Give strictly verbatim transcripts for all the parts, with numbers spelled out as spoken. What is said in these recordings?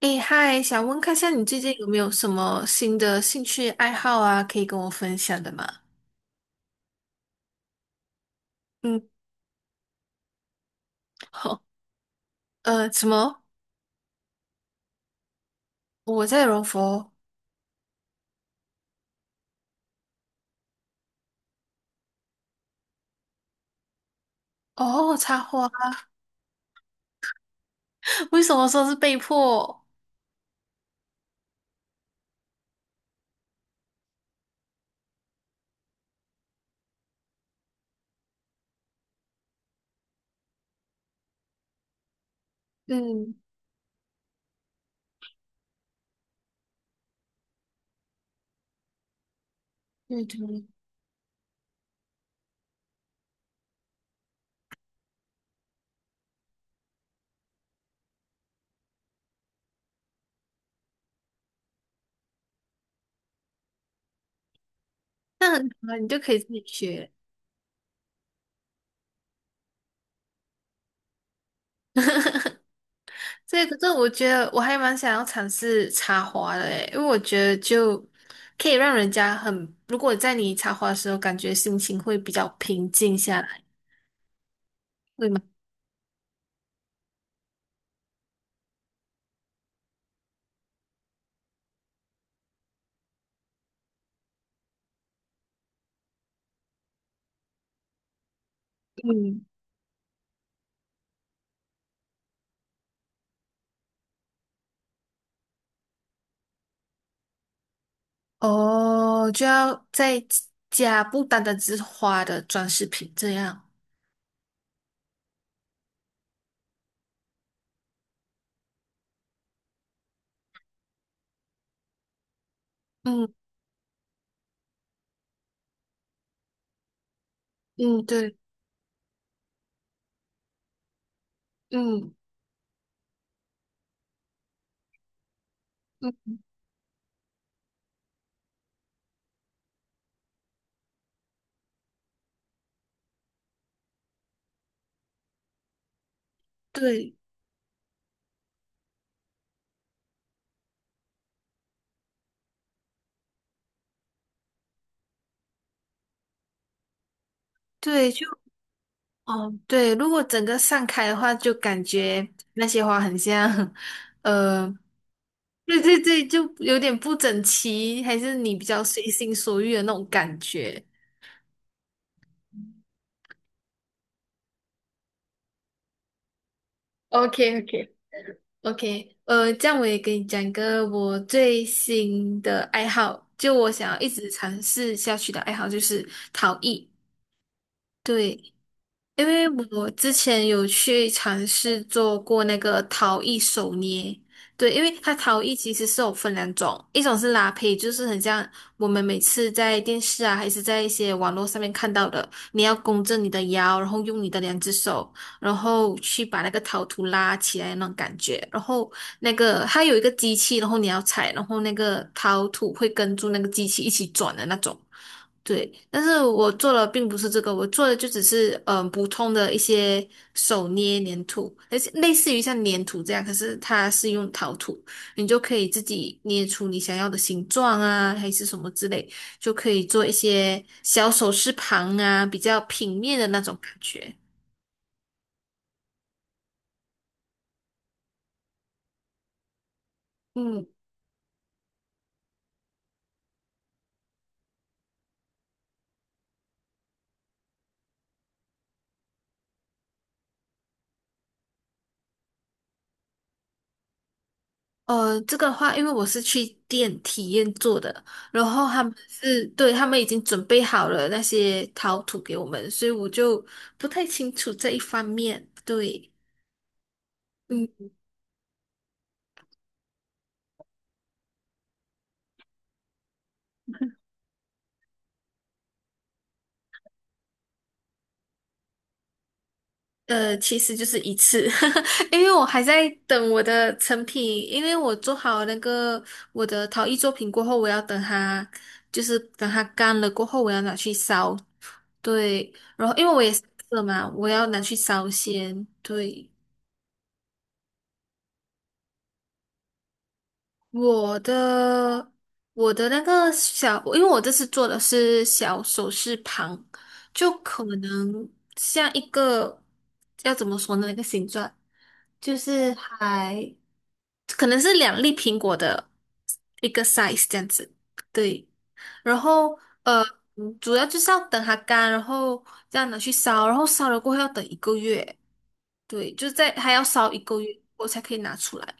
诶，嗨，想问看一下你最近有没有什么新的兴趣爱好啊，可以跟我分享的吗？嗯，好，呃，什么？我在柔佛。哦，插花，为什么说是被迫？嗯，对对，那很好啊，你就可以自己学。所以，可是我觉得我还蛮想要尝试插花的诶，因为我觉得就可以让人家很，如果在你插花的时候，感觉心情会比较平静下来，会吗？嗯。哦，就要再加不单单只是花的装饰品这样。嗯嗯，对，嗯嗯，对对，就哦对，如果整个散开的话，就感觉那些花很像，呃，对对对，就有点不整齐，还是你比较随心所欲的那种感觉。o k o k OK，呃，这样我也给你讲一个我最新的爱好，就我想要一直尝试下去的爱好就是陶艺。对，因为我之前有去尝试做过那个陶艺手捏，对，因为它陶艺其实是有分两种，一种是拉胚，就是很像我们每次在电视啊，还是在一些网络上面看到的，你要弓着你的腰，然后用你的两只手，然后去把那个陶土拉起来那种感觉，然后那个它有一个机器，然后你要踩，然后那个陶土会跟住那个机器一起转的那种。对，但是我做的并不是这个，我做的就只是嗯、呃普通的一些手捏粘土，而且类似于像粘土这样，可是它是用陶土，你就可以自己捏出你想要的形状啊，还是什么之类，就可以做一些小首饰盘啊，比较平面的那种感觉。嗯，呃，这个的话，因为我是去店体验做的，然后他哦们是，对，他们已经准备好了那些陶土给我们，所以我就不太清楚这一方面。对，嗯，呃，其实就是一次，因为我还在等我的成品，因为我做好那个我的陶艺作品过后，我要等它，就是等它干了过后，我要拿去烧。对，然后因为我也是嘛，我要拿去烧先。对。我的我的那个小，因为我这次做的是小首饰盘，就可能像一个要怎么说呢？那个形状就是还可能是两粒苹果的一个 size 这样子，对。然后呃，嗯主要就是要等它干，然后这样拿去烧，然后烧了过后要等一个月，对，就在还要烧一个月，我才可以拿出来。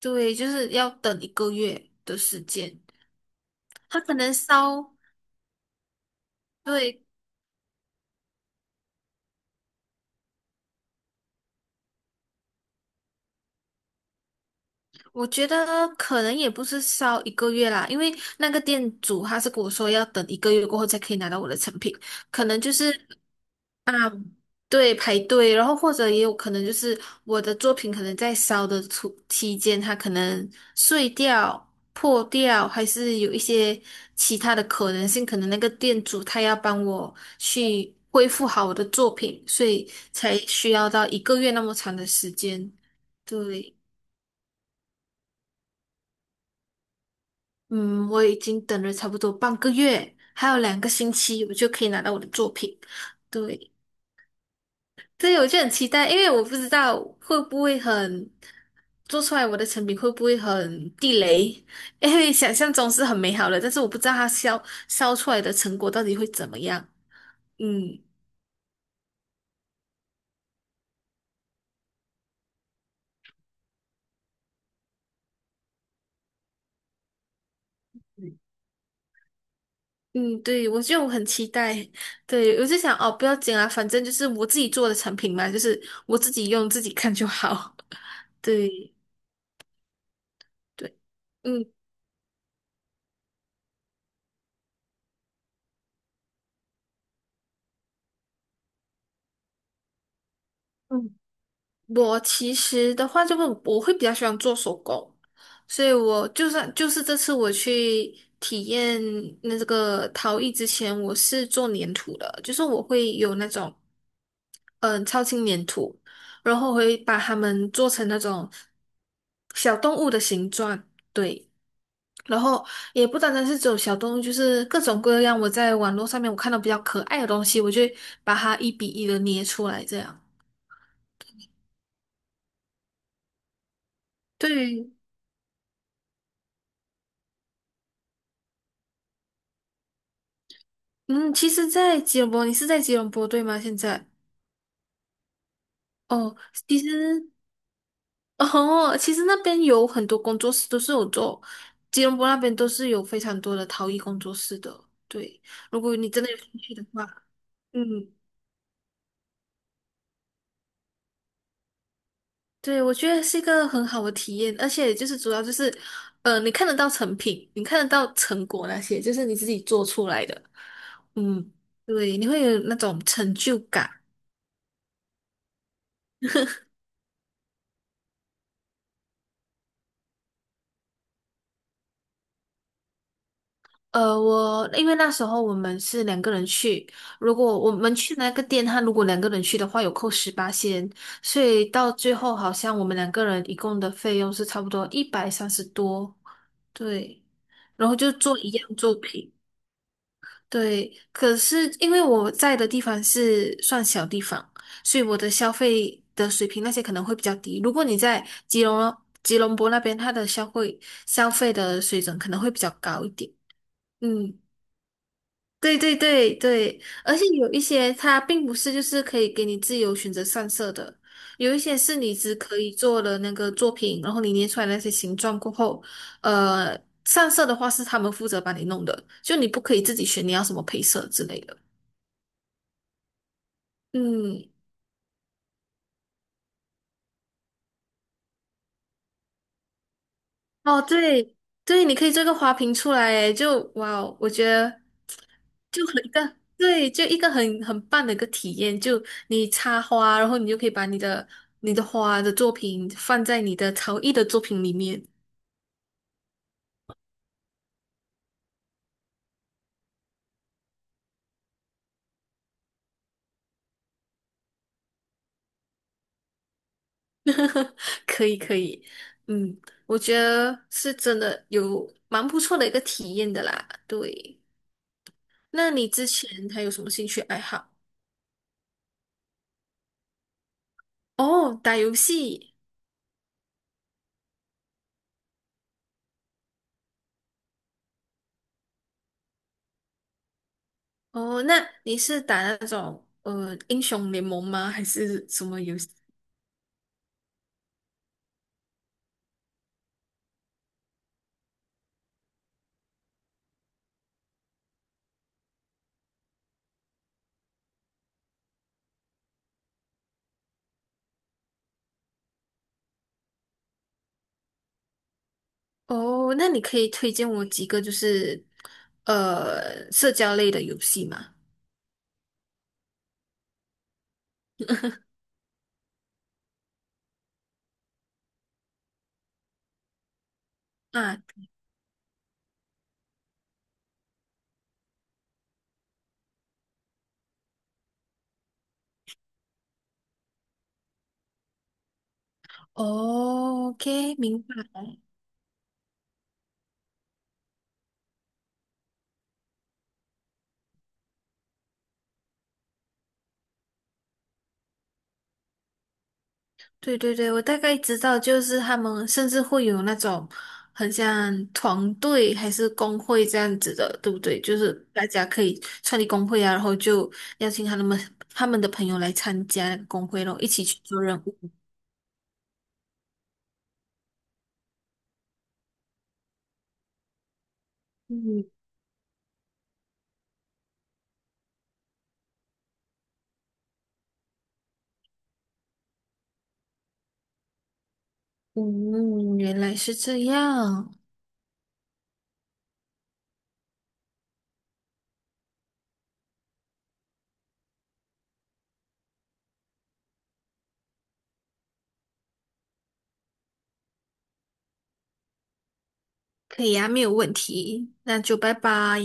对，就是要等一个月的时间。他可能烧，对，我觉得可能也不是烧一个月啦，因为那个店主他是跟我说要等一个月过后才可以拿到我的成品，可能就是对，排队，然后或者也有可能就是我的作品可能在烧的途期间，它可能碎掉、破掉，还是有一些其他的可能性，可能那个店主他要帮我去恢复好我的作品，所以才需要到一个月那么长的时间。对，嗯，我已经等了差不多半个月，还有两个星期，我就可以拿到我的作品。对。对，我就很期待，因为我不知道会不会很做出来我的成品会不会很地雷，因为想象中是很美好的，但是我不知道它烧烧出来的成果到底会怎么样。嗯嗯，对，我就很期待。对，我就想哦，不要紧啊，反正就是我自己做的产品嘛，就是我自己用自己看就好。对对，嗯嗯。我其实的话，就会我会比较喜欢做手工，所以我就算就是这次我去体验那这个陶艺之前，我是做粘土的，就是我会有那种嗯超轻粘土，然后我会把它们做成那种小动物的形状，对，然后也不单单是只有小动物，就是各种各样我在网络上面我看到比较可爱的东西，我就会把它一比一的捏出来这样。对，嗯，其实，在吉隆坡，你是在吉隆坡对吗？现在哦，其实哦，其实那边有很多工作室都是有做，吉隆坡那边都是有非常多的陶艺工作室的。对，如果你真的有兴趣的话，嗯，对，我觉得是一个很好的体验，而且就是主要就是，呃，你看得到成品，你看得到成果那些，就是你自己做出来的，嗯，对，你会有那种成就感。呃，我因为那时候我们是两个人去，如果我们去那个店，他如果两个人去的话，有扣十八仙，所以到最后好像我们两个人一共的费用是差不多一百三十多，对，然后就做一样作品，对。可是因为我在的地方是算小地方，所以我的消费的水平那些可能会比较低。如果你在吉隆吉隆坡那边，它的消费消费的水准可能会比较高一点，嗯。对对对对，而且有一些它并不是就是可以给你自由选择上色的，有一些是你只可以做了那个作品，然后你捏出来那些形状过后，呃，上色的话是他们负责帮你弄的，就你不可以自己选你要什么配色之类的。嗯，哦，对对，你可以做个花瓶出来，诶，就哇哦我觉得就很一个对，就一个很很棒的一个体验。就你插花，然后你就可以把你的你的花的作品放在你的陶艺的作品里面，可以可以，嗯，我觉得是真的有蛮不错的一个体验的啦。对，那你之前还有什么兴趣爱好？哦，打游戏。哦，那你是打那种呃英雄联盟吗？还是什么游戏？哦，那你可以推荐我几个就是呃社交类的游戏吗？啊，哦，OK，明白。对对对，我大概知道，就是他们甚至会有那种很像团队还是工会这样子的，对不对？就是大家可以创立工会啊，然后就邀请他们他们的朋友来参加工会咯，一起去做任务。嗯，嗯，原来是这样，可以啊，没有问题，那就拜拜。